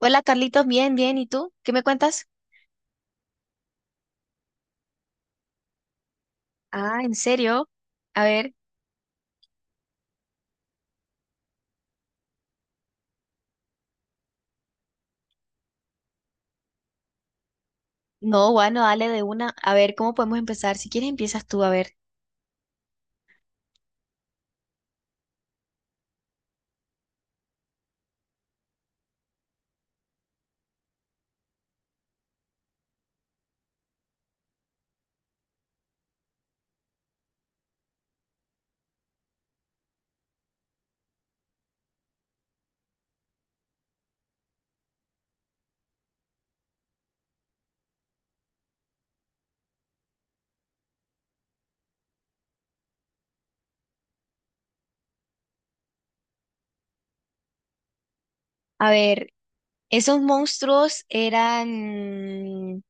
Hola Carlitos, bien, bien. ¿Y tú? ¿Qué me cuentas? Ah, ¿en serio? A ver, no, bueno, dale de una. A ver, ¿cómo podemos empezar? Si quieres, empiezas tú, a ver. A ver, esos monstruos eran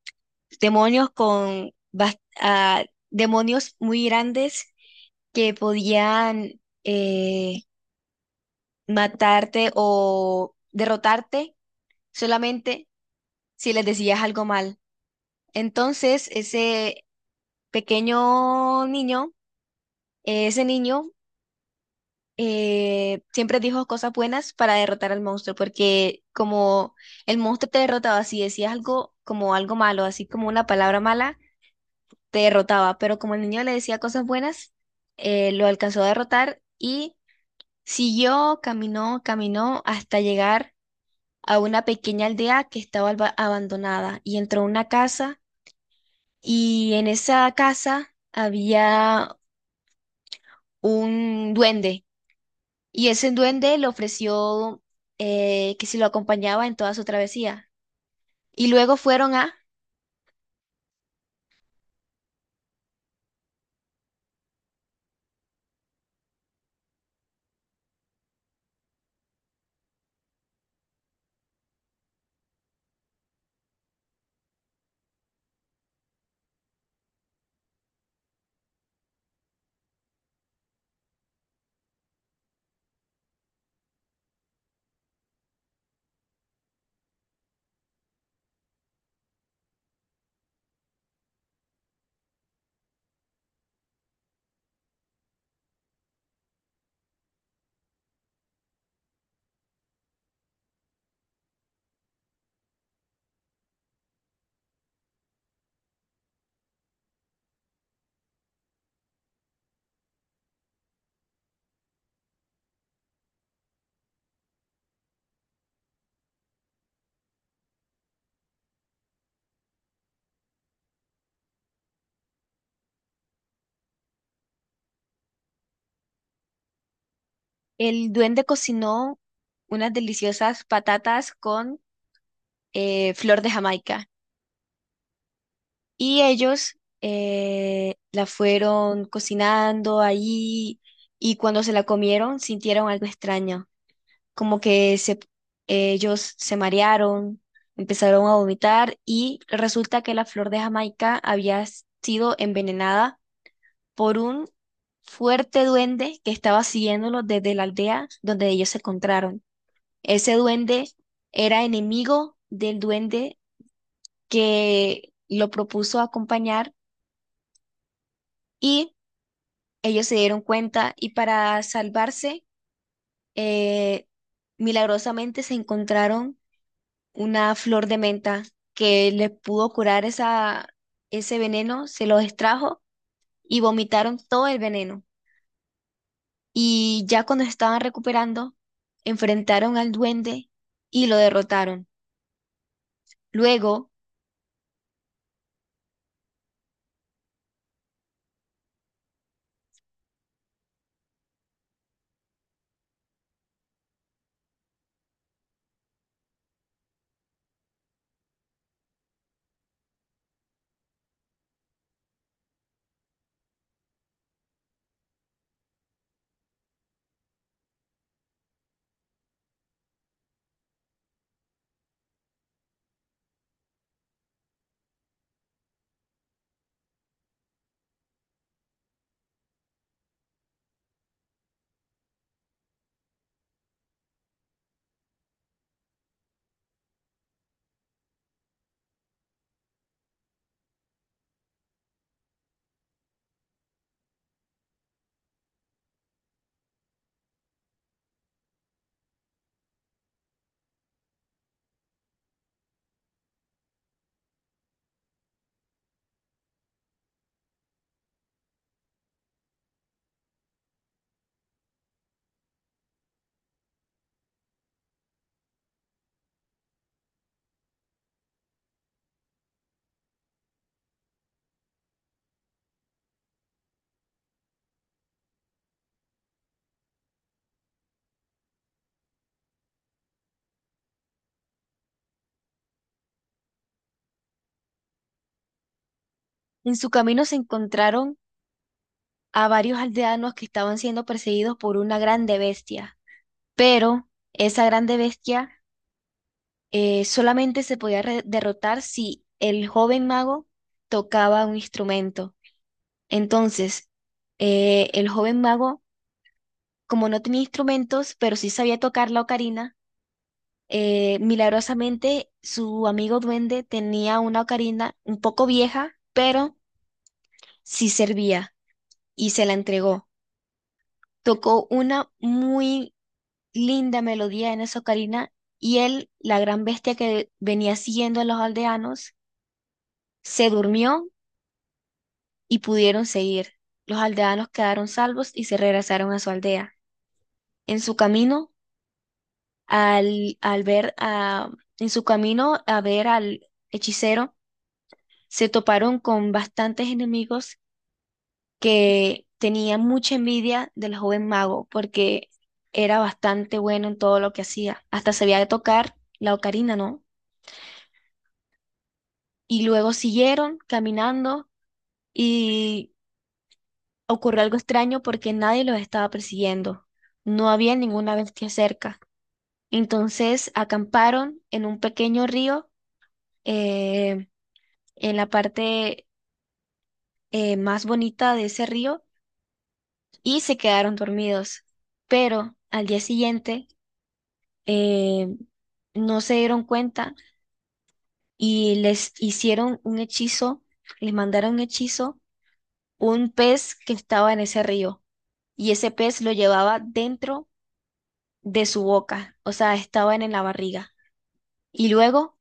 demonios con demonios muy grandes que podían matarte o derrotarte solamente si les decías algo mal. Entonces, ese pequeño niño, ese niño siempre dijo cosas buenas para derrotar al monstruo, porque como el monstruo te derrotaba, si decías algo como algo malo, así como una palabra mala, te derrotaba, pero como el niño le decía cosas buenas, lo alcanzó a derrotar y siguió, caminó, caminó hasta llegar a una pequeña aldea que estaba abandonada y entró a una casa, y en esa casa había un duende. Y ese duende le ofreció, que si lo acompañaba en toda su travesía. Y luego el duende cocinó unas deliciosas patatas con flor de Jamaica. Y ellos la fueron cocinando ahí, y cuando se la comieron sintieron algo extraño, como que ellos se marearon, empezaron a vomitar y resulta que la flor de Jamaica había sido envenenada por un fuerte duende que estaba siguiéndolos desde la aldea donde ellos se encontraron. Ese duende era enemigo del duende que lo propuso acompañar, y ellos se dieron cuenta y para salvarse, eh, milagrosamente se encontraron una flor de menta que les pudo curar esa, ese veneno, se los extrajo y vomitaron todo el veneno. Y ya cuando se estaban recuperando, enfrentaron al duende y lo derrotaron. Luego, en su camino se encontraron a varios aldeanos que estaban siendo perseguidos por una grande bestia. Pero esa grande bestia solamente se podía derrotar si el joven mago tocaba un instrumento. Entonces, el joven mago, como no tenía instrumentos, pero sí sabía tocar la ocarina, milagrosamente, su amigo duende tenía una ocarina un poco vieja, pero sí servía y se la entregó. Tocó una muy linda melodía en esa ocarina y él, la gran bestia que venía siguiendo a los aldeanos, se durmió y pudieron seguir. Los aldeanos quedaron salvos y se regresaron a su aldea. En su camino, al, al ver a, en su camino a ver al hechicero, se toparon con bastantes enemigos que tenían mucha envidia del joven mago porque era bastante bueno en todo lo que hacía. Hasta sabía tocar la ocarina, ¿no? Y luego siguieron caminando y ocurrió algo extraño porque nadie los estaba persiguiendo. No había ninguna bestia cerca. Entonces acamparon en un pequeño río, eh, en la parte más bonita de ese río y se quedaron dormidos. Pero al día siguiente eh, no se dieron cuenta y les hicieron un hechizo, les mandaron un hechizo, un pez que estaba en ese río, y ese pez lo llevaba dentro de su boca, o sea, estaba en la barriga. Y luego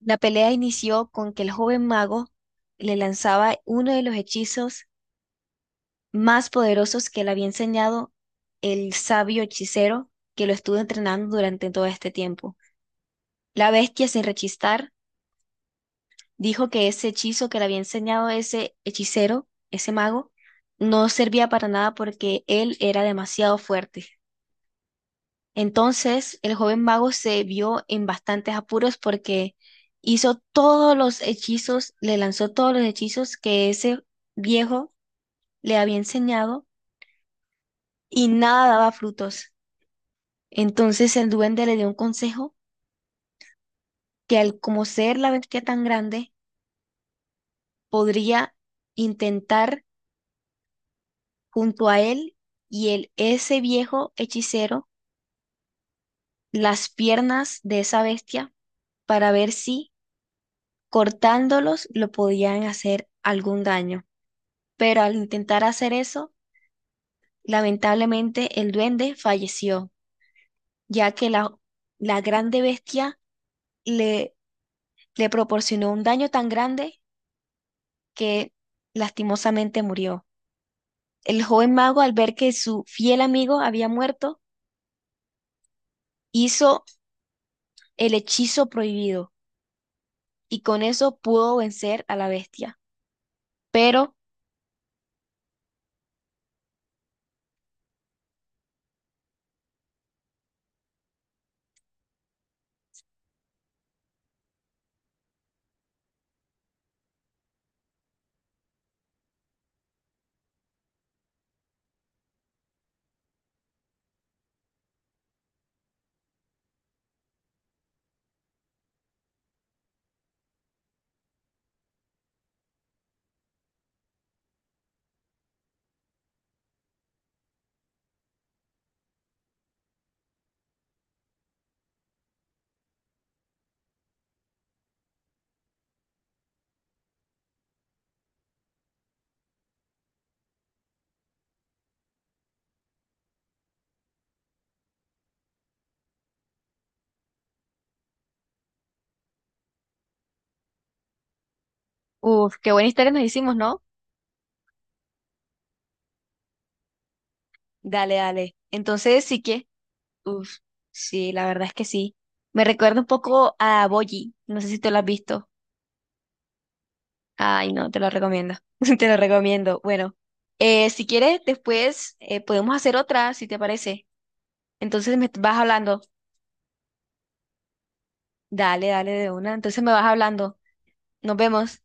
la pelea inició con que el joven mago le lanzaba uno de los hechizos más poderosos que le había enseñado el sabio hechicero que lo estuvo entrenando durante todo este tiempo. La bestia, sin rechistar, dijo que ese hechizo que le había enseñado ese hechicero, ese mago, no servía para nada porque él era demasiado fuerte. Entonces, el joven mago se vio en bastantes apuros porque hizo todos los hechizos, le lanzó todos los hechizos que ese viejo le había enseñado y nada daba frutos. Entonces el duende le dio un consejo que al como ser la bestia tan grande, podría intentar junto a él y el, ese viejo hechicero las piernas de esa bestia para ver si cortándolos lo podían hacer algún daño. Pero al intentar hacer eso, lamentablemente el duende falleció, ya que la grande bestia le, le proporcionó un daño tan grande que lastimosamente murió. El joven mago, al ver que su fiel amigo había muerto, hizo el hechizo prohibido y con eso pudo vencer a la bestia. Pero, uf, qué buena historia nos hicimos, ¿no? Dale, dale. Entonces sí que, uff, sí, la verdad es que sí. Me recuerda un poco a Boji. No sé si te lo has visto. Ay, no, te lo recomiendo. Te lo recomiendo. Bueno, si quieres, después podemos hacer otra, si te parece. Entonces me vas hablando. Dale, dale de una. Entonces me vas hablando. Nos vemos.